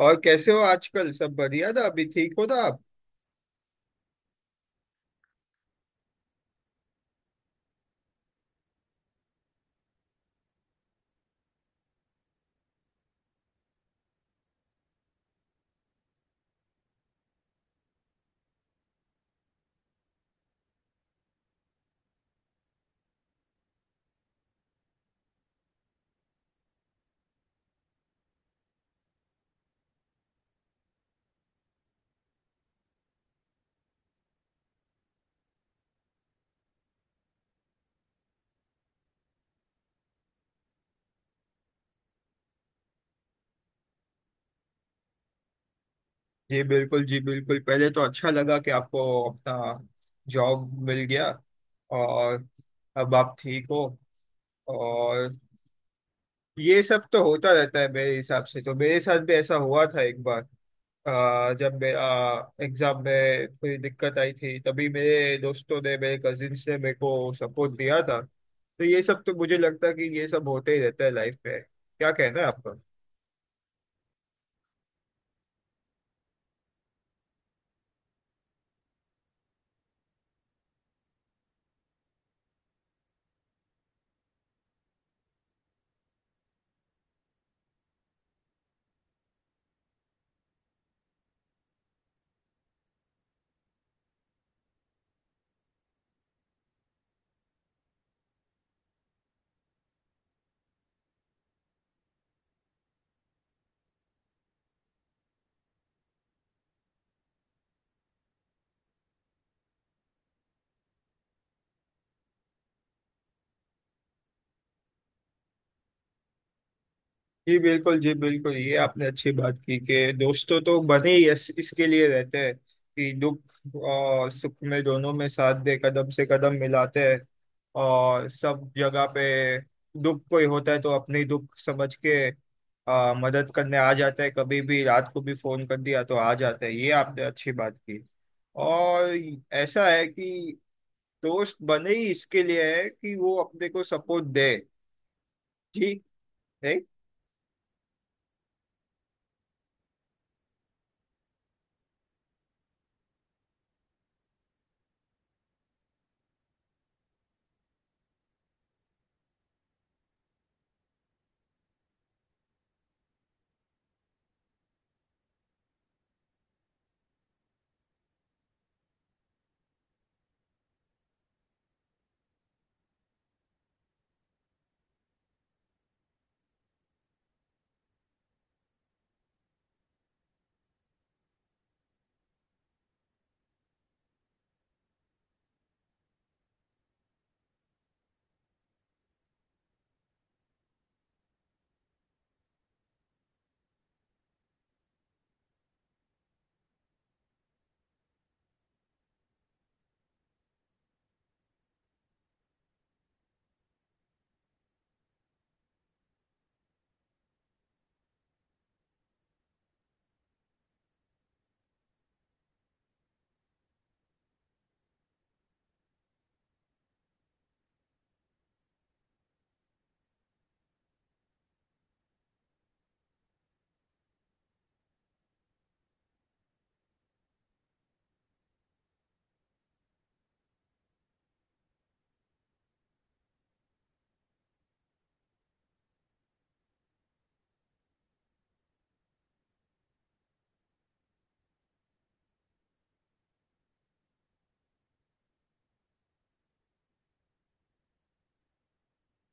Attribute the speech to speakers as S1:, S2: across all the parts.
S1: और कैसे हो आजकल? सब बढ़िया? था अभी ठीक हो, था आप। जी बिल्कुल जी बिल्कुल, पहले तो अच्छा लगा कि आपको अपना जॉब मिल गया, और अब आप ठीक हो। और ये सब तो होता रहता है, मेरे हिसाब से तो मेरे साथ भी ऐसा हुआ था एक बार। जब मेरा एग्जाम में थोड़ी दिक्कत आई थी, तभी मेरे दोस्तों ने, मेरे कजिन्स ने मेरे को सपोर्ट दिया था। तो ये सब तो मुझे लगता है कि ये सब होते ही रहता है लाइफ में। क्या कहना है आपका? जी बिल्कुल जी बिल्कुल, ये आपने अच्छी बात की, कि दोस्तों तो बने ही इसके लिए रहते हैं कि दुख और सुख में, दोनों में साथ दे, कदम से कदम मिलाते हैं। और सब जगह पे दुख कोई होता है, तो अपनी दुख समझ के मदद करने आ जाता है। कभी भी रात को भी फोन कर दिया तो आ जाता है। ये आपने अच्छी बात की। और ऐसा है कि दोस्त बने ही इसके लिए है, कि वो अपने को सपोर्ट दे। जी, है?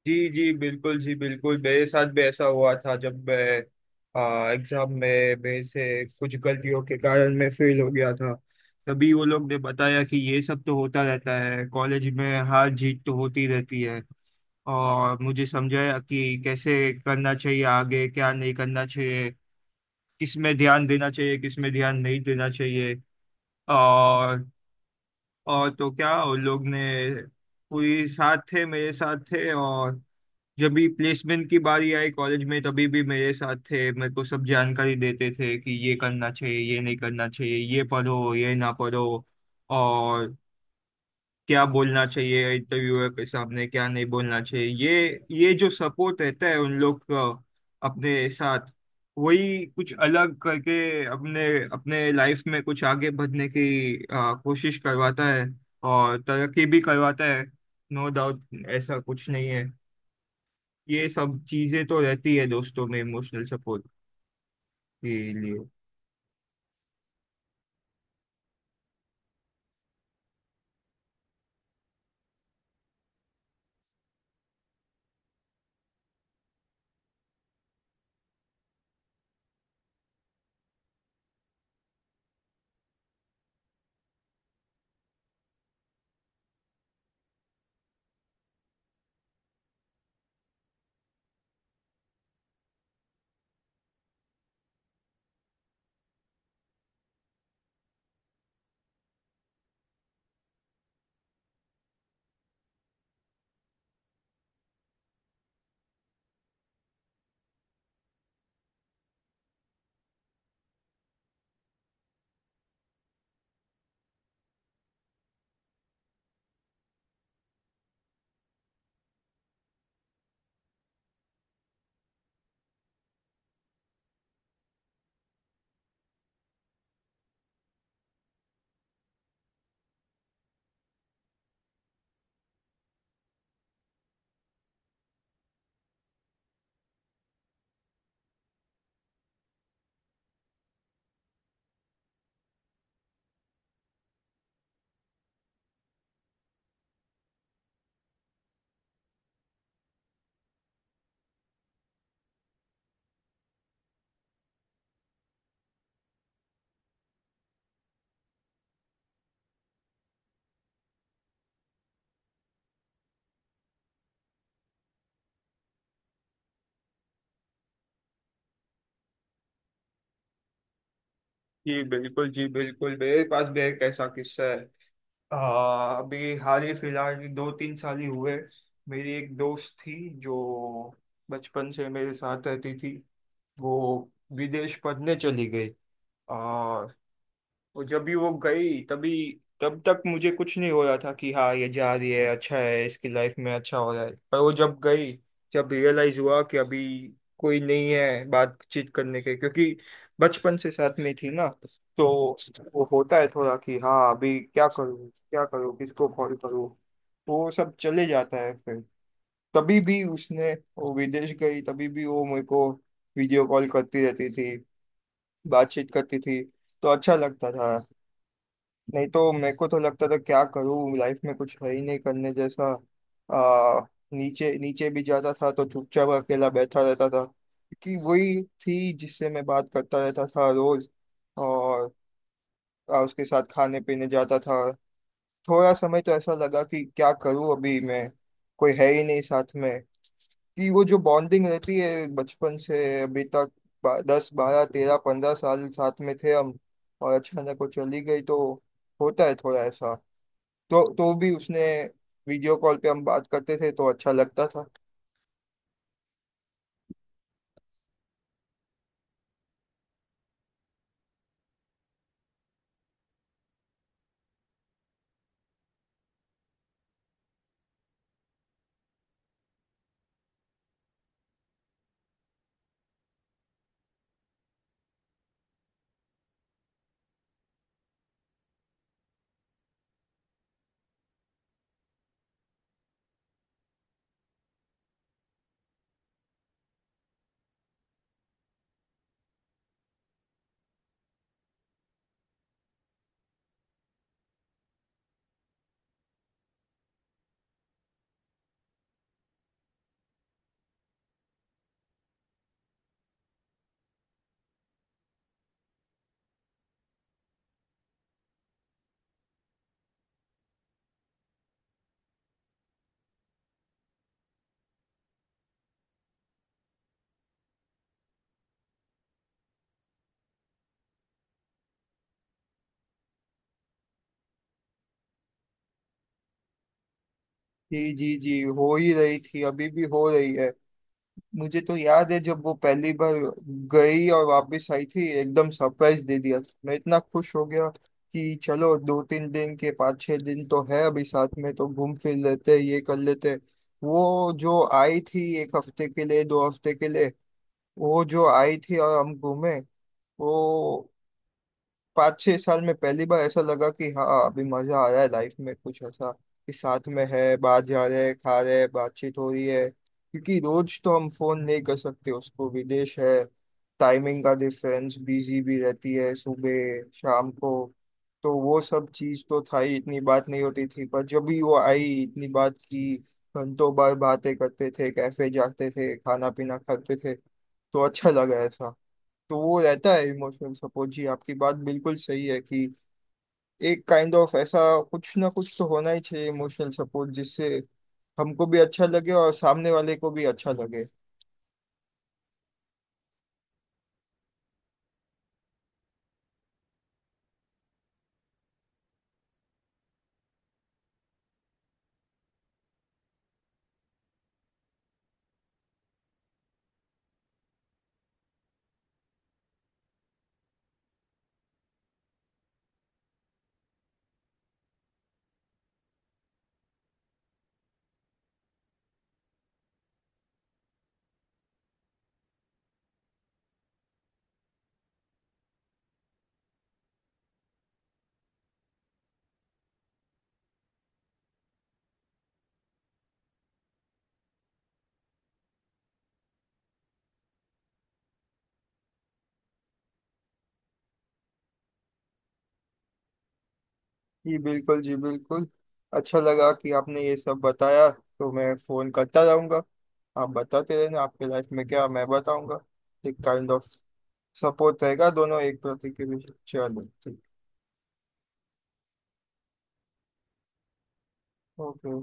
S1: जी जी बिल्कुल जी बिल्कुल, मेरे साथ भी ऐसा हुआ था। जब मैं एग्जाम में मेरे से कुछ गलतियों के कारण मैं फेल हो गया था, तभी वो लोग ने बताया कि ये सब तो होता रहता है, कॉलेज में हार जीत तो होती रहती है। और मुझे समझाया कि कैसे करना चाहिए आगे, क्या नहीं करना चाहिए, किस में ध्यान देना चाहिए, किस में ध्यान नहीं देना चाहिए। और तो क्या उन लोग ने पूरी साथ थे, मेरे साथ थे। और जब भी प्लेसमेंट की बारी आई कॉलेज में, तभी भी मेरे साथ थे। मेरे को सब जानकारी देते थे कि ये करना चाहिए, ये नहीं करना चाहिए, ये पढ़ो ये ना पढ़ो। और क्या बोलना चाहिए इंटरव्यूअर के सामने, क्या नहीं बोलना चाहिए। ये जो सपोर्ट रहता है उन लोग का अपने साथ, वही कुछ अलग करके अपने अपने लाइफ में कुछ आगे बढ़ने की कोशिश करवाता है, और तरक्की भी करवाता है। No doubt. ऐसा कुछ नहीं है, ये सब चीजें तो रहती है दोस्तों में, इमोशनल सपोर्ट के लिए। जी बिल्कुल जी बिल्कुल, मेरे पास भी एक ऐसा किस्सा है। अभी हाल ही फिलहाल 2-3 साल ही हुए, मेरी एक दोस्त थी, जो बचपन से मेरे साथ रहती थी। वो विदेश पढ़ने चली गई। आ, वो जब भी, वो गई तभी, तब तक मुझे कुछ नहीं हो रहा था कि हाँ ये जा रही है, अच्छा है, इसकी लाइफ में अच्छा हो रहा है। पर वो जब गई, जब रियलाइज हुआ कि अभी कोई नहीं है बातचीत करने के, क्योंकि बचपन से साथ में थी ना। तो वो होता है थोड़ा, कि हाँ अभी क्या करूँ क्या करूँ, किसको कॉल करूँ। तो वो सब चले जाता है फिर। तभी भी उसने, वो विदेश गई तभी भी, वो मेरे को वीडियो कॉल करती रहती थी, बातचीत करती थी, तो अच्छा लगता था। नहीं तो मेरे को तो लगता था क्या करूँ, लाइफ में कुछ है ही नहीं करने जैसा। आ, नीचे नीचे भी जाता था तो चुपचाप अकेला बैठा रहता था। कि वही थी जिससे मैं बात करता रहता था रोज। और उसके साथ खाने पीने जाता था। थोड़ा समय तो ऐसा लगा कि क्या करूँ अभी मैं, कोई है ही नहीं साथ में। कि वो जो बॉन्डिंग रहती है बचपन से अभी तक, 10, 12, 13, 15 साल साथ में थे हम, और अचानक वो चली गई, तो होता है थोड़ा ऐसा। तो भी उसने वीडियो कॉल पे हम बात करते थे, तो अच्छा लगता था। जी जी जी, हो ही रही थी, अभी भी हो रही है। मुझे तो याद है जब वो पहली बार गई और वापस आई थी, एकदम सरप्राइज दे दिया था। मैं इतना खुश हो गया कि चलो 2-3 दिन के, 5-6 दिन तो है अभी साथ में, तो घूम फिर लेते हैं, ये कर लेते हैं। वो जो आई थी एक हफ्ते के लिए, 2 हफ्ते के लिए, वो जो आई थी और हम घूमे। वो, 5-6 साल में पहली बार ऐसा लगा कि हाँ अभी मजा आ रहा है लाइफ में, कुछ ऐसा कि साथ में है, बाहर जा रहे हैं, खा रहे हैं, बातचीत हो रही है। क्योंकि रोज तो हम फोन नहीं कर सकते उसको, विदेश है, टाइमिंग का डिफरेंस, बिजी भी रहती है सुबह शाम को। तो वो सब चीज़ तो था ही, इतनी बात नहीं होती थी। पर जब भी वो आई, इतनी बात की, घंटों बार बातें करते थे, कैफे जाते थे, खाना पीना खाते थे, तो अच्छा लगा ऐसा। तो वो रहता है इमोशनल सपोर्ट। जी, आपकी बात बिल्कुल सही है कि एक काइंड ऑफ ऐसा कुछ ना कुछ तो होना ही चाहिए, इमोशनल सपोर्ट, जिससे हमको भी अच्छा लगे और सामने वाले को भी अच्छा लगे। जी बिल्कुल जी बिल्कुल, अच्छा लगा कि आपने ये सब बताया। तो मैं फोन करता रहूंगा, आप बताते रहना आपके लाइफ में क्या, मैं बताऊंगा। एक काइंड ऑफ सपोर्ट रहेगा दोनों एक प्रति के बीच। चलो ठीक। ओके।